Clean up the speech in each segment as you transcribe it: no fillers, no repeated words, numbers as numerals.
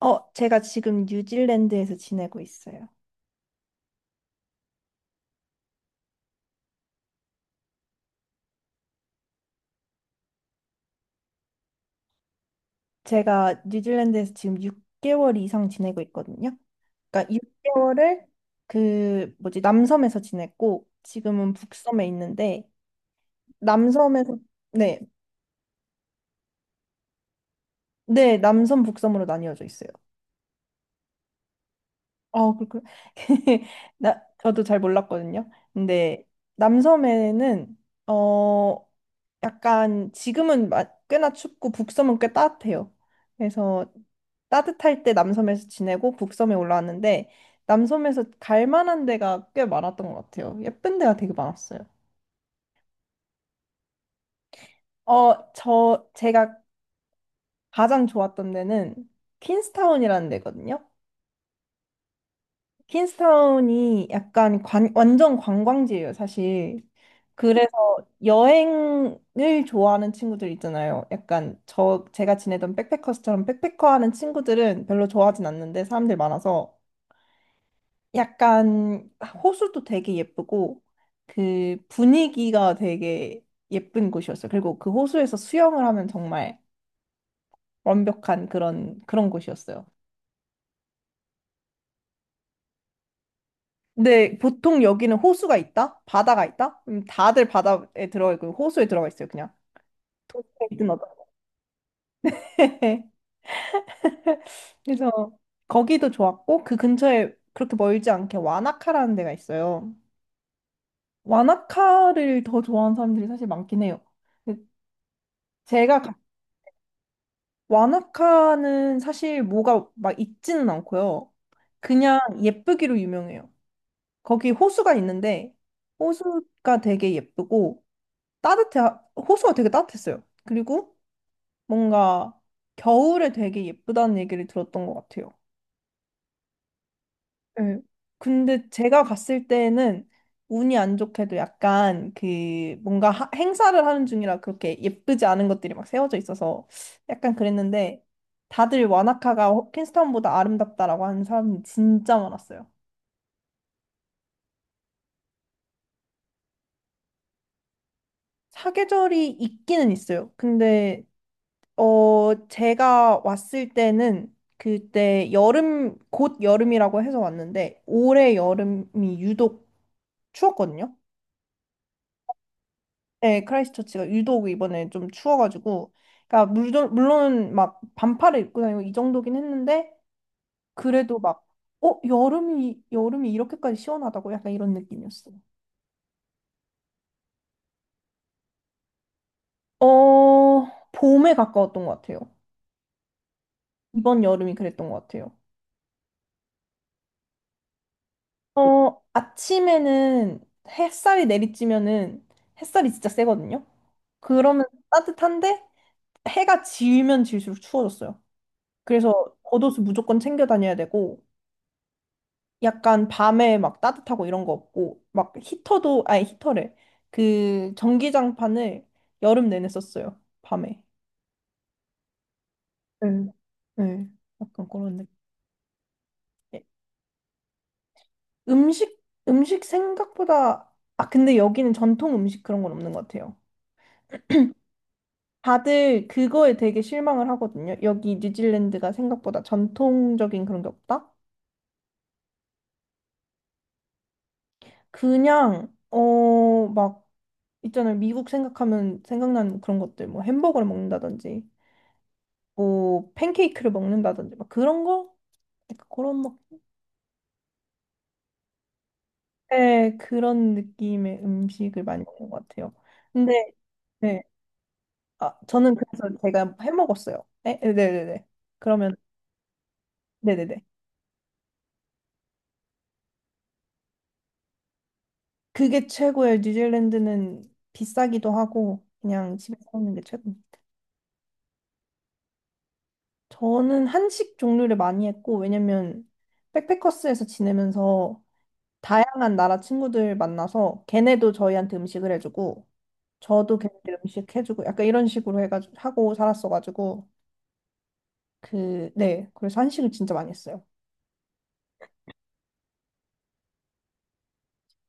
제가 지금 뉴질랜드에서 지내고 있어요. 제가 뉴질랜드에서 지금 6개월 이상 지내고 있거든요. 그러니까 6개월을 그 뭐지 남섬에서 지냈고 지금은 북섬에 있는데 남섬에서 네, 네, 남섬 북섬으로 나뉘어져 있어요. 그렇군. 저도 잘 몰랐거든요. 근데 남섬에는, 어, 약간 지금은 꽤나 춥고 북섬은 꽤 따뜻해요. 그래서 따뜻할 때 남섬에서 지내고 북섬에 올라왔는데 남섬에서 갈 만한 데가 꽤 많았던 것 같아요. 예쁜 데가 되게 많았어요. 제가 가장 좋았던 데는 퀸스타운이라는 데거든요. 킨스타운이 약간 완전 관광지예요, 사실. 그래서 여행을 좋아하는 친구들 있잖아요. 약간 제가 지내던 백패커스처럼 백패커 하는 친구들은 별로 좋아하진 않는데 사람들 많아서 약간 호수도 되게 예쁘고 그 분위기가 되게 예쁜 곳이었어요. 그리고 그 호수에서 수영을 하면 정말 완벽한 그런 곳이었어요. 근데 보통 여기는 호수가 있다? 바다가 있다? 다들 바다에 들어가 있고 호수에 들어가 있어요, 그냥. 도시에 있든 어떤. 그래서 거기도 좋았고 그 근처에 그렇게 멀지 않게 와나카라는 데가 있어요. 와나카를 더 좋아하는 사람들이 사실 많긴 해요. 근데 제가 가- 와나카는 사실 뭐가 막 있지는 않고요. 그냥 예쁘기로 유명해요. 거기 호수가 있는데 호수가 되게 예쁘고 따뜻해 호수가 되게 따뜻했어요. 그리고 뭔가 겨울에 되게 예쁘다는 얘기를 들었던 것 같아요. 네. 근데 제가 갔을 때는 운이 안 좋게도 약간 그 뭔가 행사를 하는 중이라 그렇게 예쁘지 않은 것들이 막 세워져 있어서 약간 그랬는데 다들 와나카가 킨스타운보다 아름답다라고 하는 사람이 진짜 많았어요. 사계절이 있기는 있어요. 근데 제가 왔을 때는 그때 곧 여름이라고 해서 왔는데 올해 여름이 유독 추웠거든요. 네, 크라이스트처치가 유독 이번에 좀 추워가지고, 그러니까 물론 막 반팔을 입고 다니고 이 정도긴 했는데 그래도 막 여름이 이렇게까지 시원하다고 약간 이런 느낌이었어요. 어, 봄에 가까웠던 것 같아요. 이번 여름이 그랬던 것 같아요. 아침에는 햇살이 내리쬐면은 햇살이 진짜 세거든요. 그러면 따뜻한데 해가 지면 질수록 추워졌어요. 그래서 겉옷을 무조건 챙겨 다녀야 되고 약간 밤에 막 따뜻하고 이런 거 없고 막 히터도 아니 히터래. 그 전기장판을 여름 내내 썼어요. 밤에. 네. 네. 약간 그런 느낌. 예, 음식 음식 생각보다 아 근데 여기는 전통 음식 그런 건 없는 것 같아요. 다들 그거에 되게 실망을 하거든요. 여기 뉴질랜드가 생각보다 전통적인 그런 게 없다? 그냥, 막, 있잖아요. 미국 생각하면 생각나는 그런 것들, 뭐 햄버거를 먹는다든지, 뭐 팬케이크를 먹는다든지, 막 그런 거? 약간 그런 막, 네, 그런 느낌의 음식을 많이 먹는 것 같아요. 근데, 네. 아, 저는 그래서 제가 해 먹었어요. 네? 네네네. 그러면, 네네네. 그게 최고예요. 뉴질랜드는 비싸기도 하고 그냥 집에서 먹는 게 최고. 저는 한식 종류를 많이 했고 왜냐면 백패커스에서 지내면서 다양한 나라 친구들 만나서 걔네도 저희한테 음식을 해주고 저도 걔네들 음식 해주고 약간 이런 식으로 해가지고 하고 살았어가지고 그 네 그래서 한식을 진짜 많이 했어요.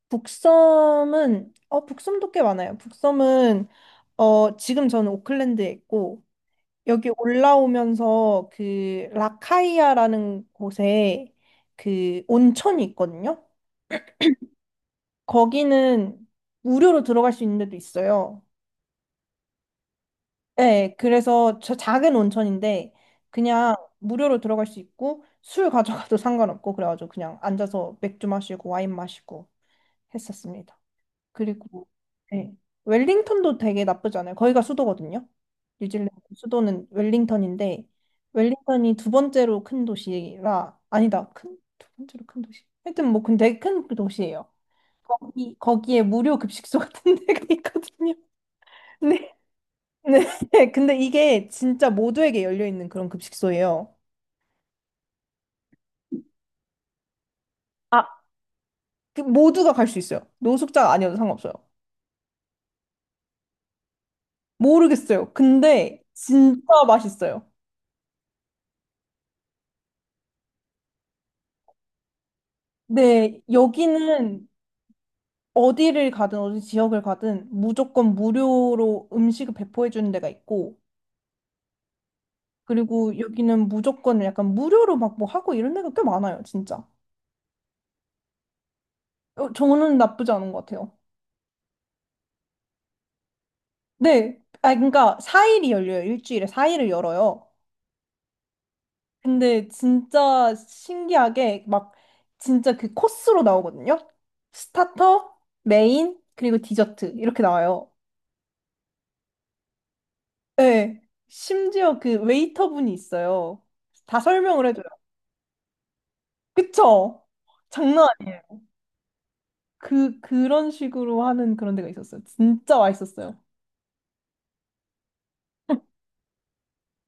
북섬은 북섬도 꽤 많아요. 북섬은 지금 저는 오클랜드에 있고 여기 올라오면서 그 라카이아라는 곳에 그 온천이 있거든요. 거기는 무료로 들어갈 수 있는 데도 있어요. 네, 그래서 저 작은 온천인데 그냥 무료로 들어갈 수 있고 술 가져가도 상관없고 그래가지고 그냥 앉아서 맥주 마시고 와인 마시고 했었습니다. 그리고 네. 웰링턴도 되게 나쁘지 않아요. 거기가 수도거든요. 뉴질랜드 수도는 웰링턴인데 웰링턴이 두 번째로 큰 도시라 아니다. 큰 두 번째로 큰 도시. 하여튼 뭐 근데 큰 그 도시예요. 거기에 무료 급식소 같은 데가 있거든요. 네. 네. 근데 이게 진짜 모두에게 열려 있는 그런 급식소예요. 아, 그 모두가 갈 수 있어요. 노숙자가 아니어도 상관없어요. 모르겠어요. 근데 진짜 맛있어요. 네, 여기는 어디를 가든 어디 지역을 가든 무조건 무료로 음식을 배포해 주는 데가 있고 그리고 여기는 무조건 약간 무료로 막 뭐 하고 이런 데가 꽤 많아요, 진짜. 저는 나쁘지 않은 것 같아요. 네. 아, 그러니까 4일이 열려요. 일주일에 4일을 열어요. 근데 진짜 신기하게 막 진짜 그 코스로 나오거든요. 스타터, 메인, 그리고 디저트 이렇게 나와요. 네. 심지어 그 웨이터분이 있어요. 다 설명을 해줘요. 그쵸? 장난 아니. 그 그런 식으로 하는 그런 데가 있었어요. 진짜 맛있었어요.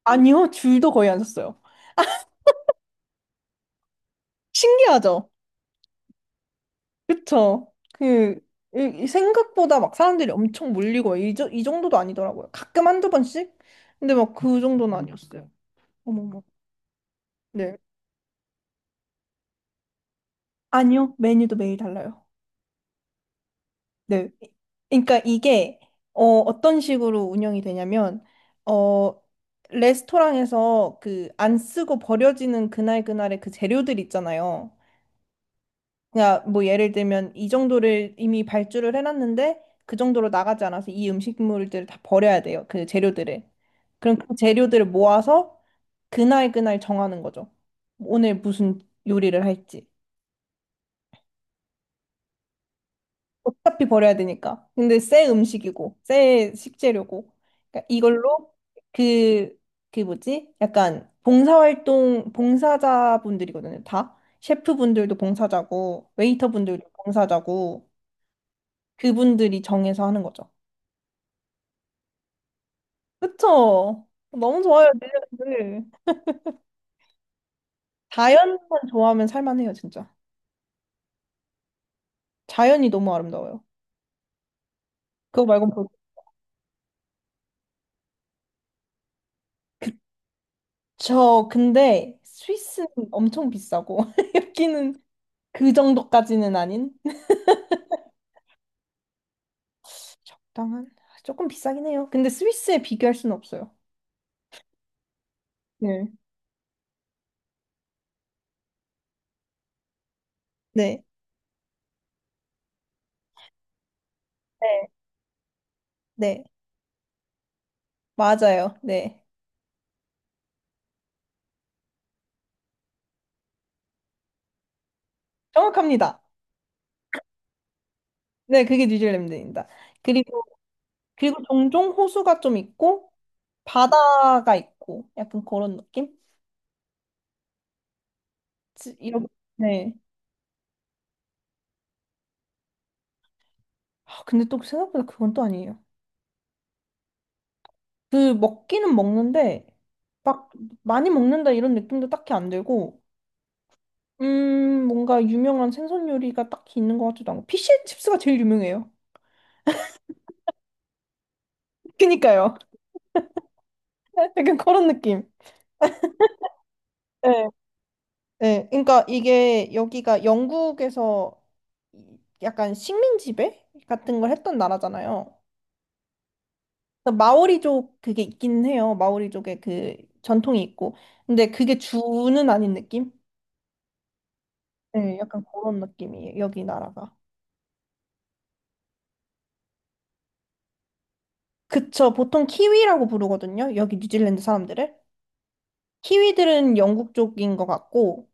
아니요, 줄도 거의 안 섰어요. 신기하죠? 그쵸? 그 이 생각보다 막 사람들이 엄청 몰리고 이 정도도 아니더라고요. 가끔 한두 번씩? 근데 막 그 정도는 아니었어요. 어머머. 네. 아니요, 메뉴도 매일 달라요. 네. 그러니까 이게 어떤 식으로 운영이 되냐면 어, 레스토랑에서 그 안 쓰고 버려지는 그날 그날의 그 재료들 있잖아요. 그냥 뭐 예를 들면 이 정도를 이미 발주를 해놨는데 그 정도로 나가지 않아서 이 음식물들을 다 버려야 돼요. 그 재료들을. 그럼 그 재료들을 모아서 그날 그날 정하는 거죠. 오늘 무슨 요리를 할지. 어차피 버려야 되니까. 근데 새 음식이고, 새 식재료고. 그러니까 이걸로 그, 그 뭐지? 약간 봉사활동, 봉사자분들이거든요. 다. 셰프분들도 봉사자고, 웨이터분들도 봉사자고, 그분들이 정해서 하는 거죠. 그쵸? 너무 좋아요, 릴리아들. 자연만 좋아하면 살만해요, 진짜. 자연이 너무 아름다워요. 그거 말고 저 근데 스위스는 엄청 비싸고 여기는 그 정도까지는 아닌 적당한? 조금 비싸긴 해요. 근데 스위스에 비교할 수는 없어요. 네. 네. 네, 네, 맞아요. 네. 정확합니다. 네, 그게 뉴질랜드입니다. 그리고, 그리고 종종 호수가 좀 있고, 바다가 있고, 약간 그런 느낌? 지- 이런, 네. 아, 근데 또 생각보다 그건 또 아니에요. 그, 먹기는 먹는데, 막, 많이 먹는다 이런 느낌도 딱히 안 들고, 뭔가 유명한 생선 요리가 딱히 있는 것 같지도 않고, 피쉬앤칩스가 제일 유명해요. 그니까요. 약간 그런 느낌. 네. 네, 그러니까 이게 여기가 영국에서 약간 식민 지배 같은 걸 했던 나라잖아요. 그래서 마오리족 그게 있긴 해요. 마오리족의 그 전통이 있고. 근데 그게 주는 아닌 느낌? 네, 약간 그런 느낌이에요. 여기 나라가. 그쵸. 보통 키위라고 부르거든요. 여기 뉴질랜드 사람들을. 키위들은 영국 쪽인 것 같고,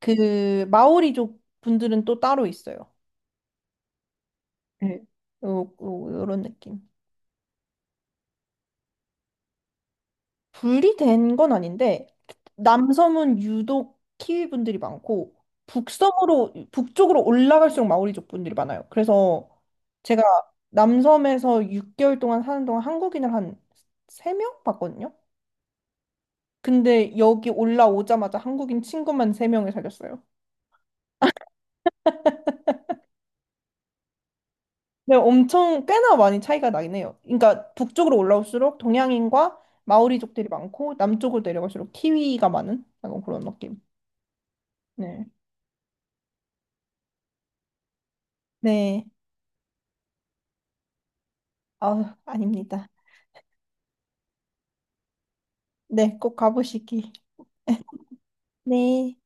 그 마오리족 분들은 또 따로 있어요. 네. 요, 요, 요런 느낌. 분리된 건 아닌데 남섬은 유독 키위 분들이 많고 북섬으로 북쪽으로 올라갈수록 마오리족 분들이 많아요. 그래서 제가 남섬에서 6개월 동안 사는 동안 한국인을 한 3명 봤거든요. 근데 여기 올라오자마자 한국인 친구만 3명을 사귀었어요. 네, 엄청 꽤나 많이 차이가 나긴 해요. 그러니까 북쪽으로 올라올수록 동양인과 마오리족들이 많고 남쪽으로 내려갈수록 키위가 많은 약간 그런 느낌. 네. 네. 아, 아닙니다. 네, 꼭 가보시기. 네.